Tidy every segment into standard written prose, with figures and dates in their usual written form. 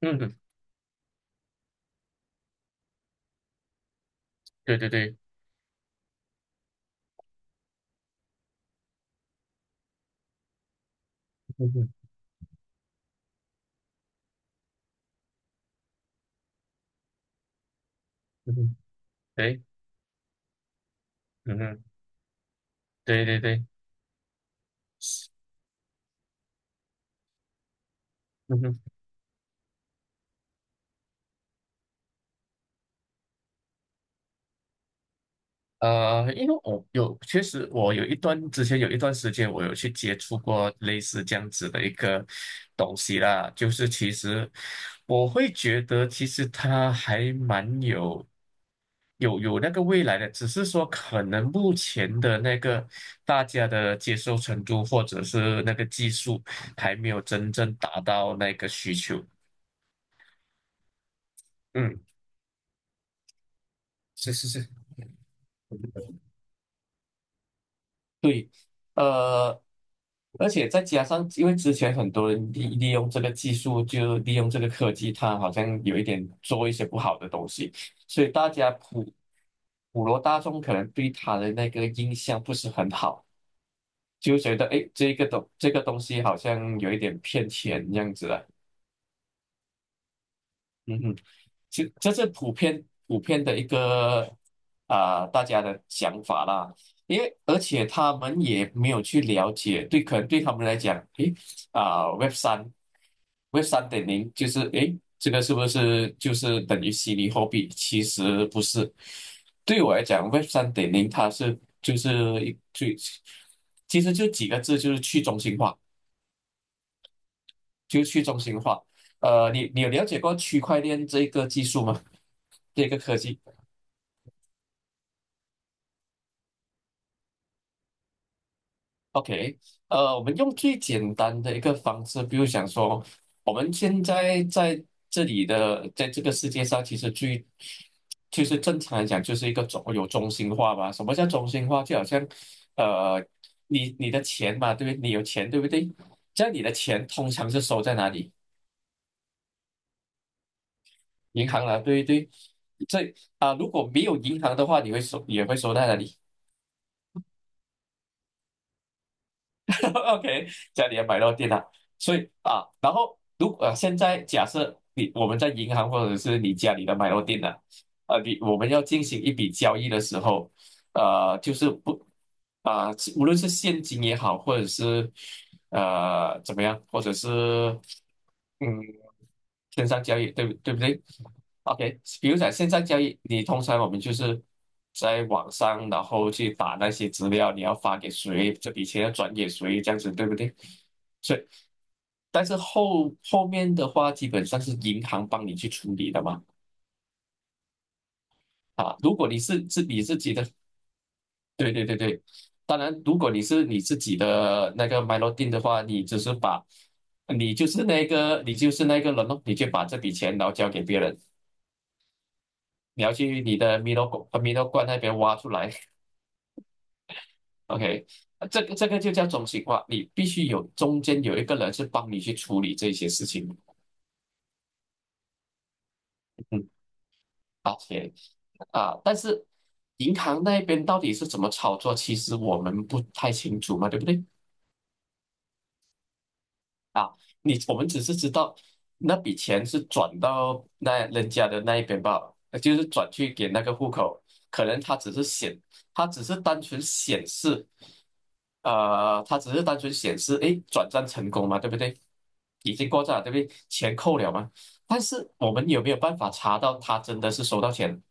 嗯哼，对对对，嗯哼，嗯哼，对，嗯哼，对对对，嗯哼，因为确实我有之前有一段时间，我有去接触过类似这样子的一个东西啦。就是其实我会觉得，其实它还蛮有那个未来的，只是说可能目前的那个大家的接受程度或者是那个技术还没有真正达到那个需求。嗯。是是是。对。呃，而且再加上，因为之前很多人利用这个技术，就利用这个科技，它好像有一点做一些不好的东西，所以大家普罗大众可能对它的那个印象不是很好，就觉得哎，诶这个东西好像有一点骗钱这样子的。嗯哼。就这是普遍的一个大家的想法啦。因为而且他们也没有去了解。对。可能对他们来讲，诶啊、w e b 三 Web 三点零就是诶，这个是不是就是等于虚拟货币？其实不是。对我来讲，Web 三点零就是一最，其实就几个字，就是去中心化，就是去中心化。你有了解过区块链这个技术吗？这个科技？OK。我们用最简单的一个方式，比如想说，我们现在在这里的，在这个世界上，其实就是正常来讲，就是一个有中心化吧。什么叫中心化？就好像，呃，你的钱嘛，对不对？你有钱，对不对？这样你的钱通常是收在哪里？银行啦，对不对？如果没有银行的话，你会收在哪里？OK。家里也买到电脑。所以啊，然后现在假设我们在银行或者是你家里的买到电脑。啊，我们要进行一笔交易的时候，呃，就是不啊、呃无论是现金也好，或者是怎么样，或者是嗯线上交易，对不对？OK，比如讲现在交易，通常我们就是在网上，然后去打那些资料，你要发给谁，这笔钱要转给谁，这样子对不对？所以，但是后面的话，基本上是银行帮你去处理的嘛。啊，如果你是你自己的。对对对对。当然，如果你是你自己的那个 melody 的话，你就是那个人咯，你就把这笔钱然后交给别人，你要去你的米 i l o m i 罐那边挖出来。OK。这个就叫中心化，你必须有中间有一个人是帮你去处理这些事情。嗯，而且啊，但是银行那边到底是怎么操作，其实我们不太清楚嘛，对不对？啊，我们只是知道那笔钱是转到那人家的那一边罢了，就是转去给那个户口。可能他只是显，他只是单纯显示。哎，转账成功嘛，对不对？已经过账了，对不对？钱扣了嘛。但是我们有没有办法查到他真的是收到钱？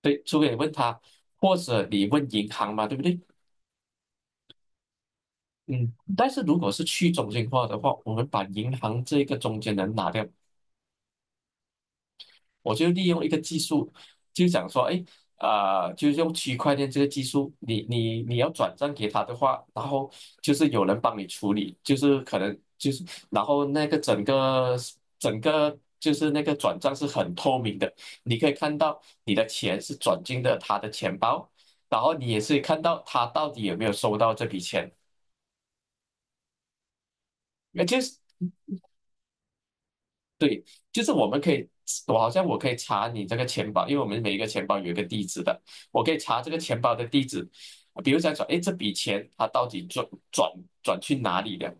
对，除非你问他，或者你问银行嘛，对不对？嗯，但是如果是去中心化的话，我们把银行这个中间人拿掉，我就利用一个技术，就想说，哎，就用区块链这个技术，你要转账给他的话，然后就是有人帮你处理，就是可能就是，然后那个整个就是那个转账是很透明的，你可以看到你的钱是转进的他的钱包，然后你也是看到他到底有没有收到这笔钱。那就是。对，就是我们可以，我好像可以查你这个钱包，因为我们每一个钱包有一个地址的，我可以查这个钱包的地址，比如想说，哎，这笔钱它到底转去哪里了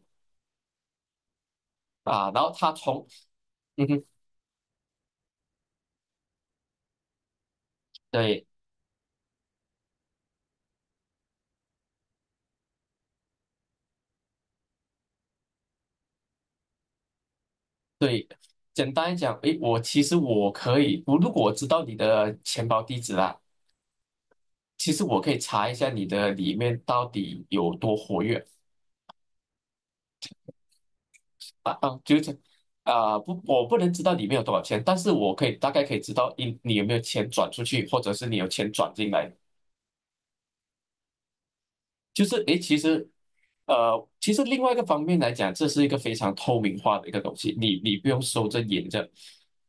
啊？然后它从，嗯哼。对对。简单讲，哎，我其实我可以，如果我知道你的钱包地址啦，其实我可以查一下你的里面到底有多活跃。啊。不，我不能知道里面有多少钱，但是我大概可以知道你有没有钱转出去，或者是你有钱转进来。就是诶，其实另外一个方面来讲，这是一个非常透明化的一个东西，你不用收着掖着。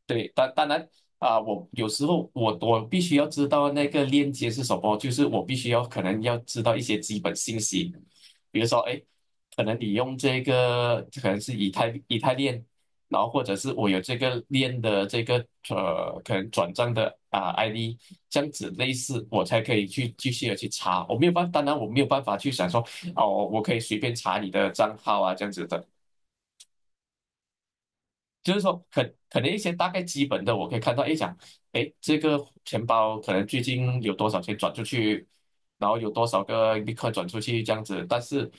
对，当然啊，我有时候我必须要知道那个链接是什么，就是我必须要可能要知道一些基本信息，比如说诶。可能你用这个可能是以太链。然后或者是我有这个链的可能转账的ID，这样子类似，我才可以去继续的去查。我没有办法当然我没有办法去想说，哦，我可以随便查你的账号啊，这样子的。就是说，可能一些大概基本的，我可以看到，哎，哎，这个钱包可能最近有多少钱转出去，然后有多少个立刻转出去这样子。但是，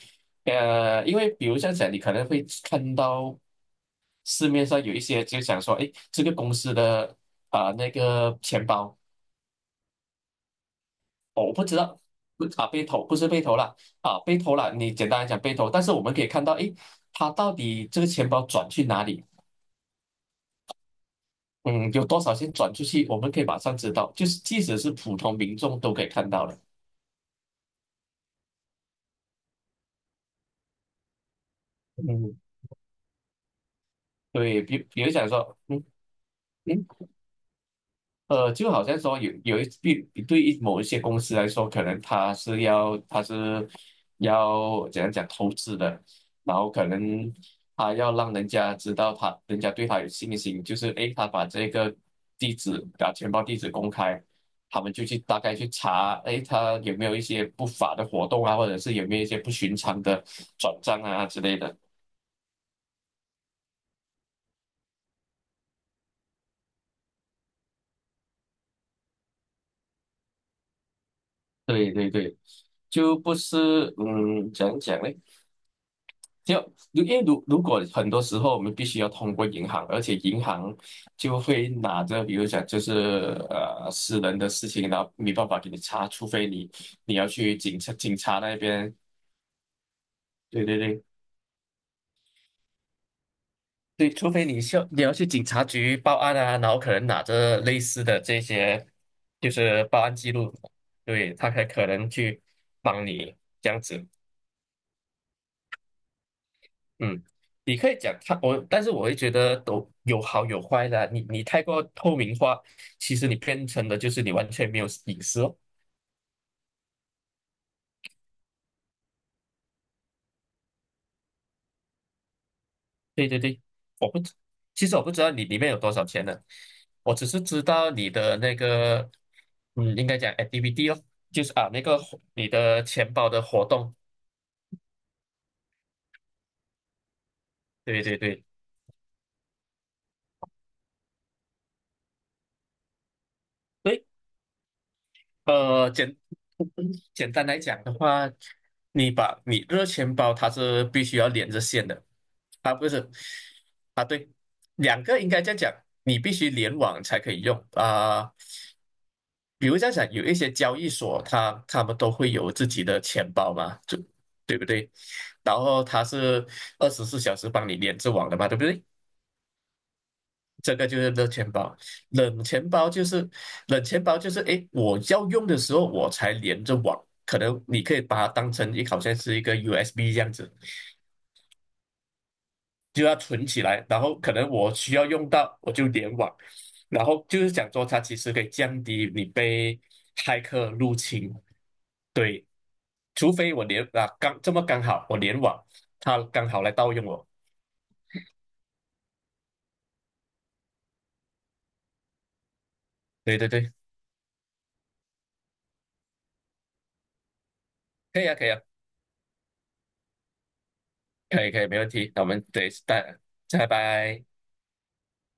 因为比如像讲，你可能会看到。市面上有一些就想说，哎，这个公司的那个钱包。哦我不知道，不被偷不是被偷了被偷了，你简单来讲被偷，但是我们可以看到，哎，他到底这个钱包转去哪里？嗯，有多少钱转出去，我们可以马上知道，就是即使是普通民众都可以看到的。嗯，对，比如讲说，嗯，就好像说有有一对对于某一些公司来说，可能他是要怎样讲投资的，然后可能他要让人家知道他人家对他有信心，就是诶，他把这个地址把钱包地址公开，他们就去大概去查，诶，他有没有一些不法的活动啊，或者是有没有一些不寻常的转账啊之类的。对对对。就不是怎样讲呢？就因为如果很多时候我们必须要通过银行，而且银行就会拿着，比如讲就是私人的事情，然后没办法给你查，除非你要去警察那边。对对对对。除非你要去警察局报案啊，然后可能拿着类似的这些就是报案记录。对。他才可能去帮你这样子。嗯。你可以讲他我，但是我会觉得都有好有坏的啊你太过透明化，其实你变成的就是你完全没有隐私哦。对对对。我不知，其实我不知道你里面有多少钱呢，我只是知道你的那个，应该讲 activity 哦，就是啊那个活你的钱包的活动。对对对。对呃，简简单来讲的话，你把你热钱包它是必须要连着线的。啊不是，啊对。两个应该这样讲，你必须联网才可以用啊。比如这样讲，有一些交易所他们都会有自己的钱包嘛，就对不对？然后它是24小时帮你连着网的嘛，对不对？这个就是热钱包。冷钱包就是冷钱包就是，诶，我要用的时候我才连着网，可能你可以把它当成好像是一个 USB 这样子，就要存起来，然后可能我需要用到我就联网，然后就是讲说它其实可以降低你被骇客入侵。对，除非我连刚这么刚好我联网，它刚好来盗用我。对对对。可以啊可以啊可以可以没问题，那我们等一下，拜拜。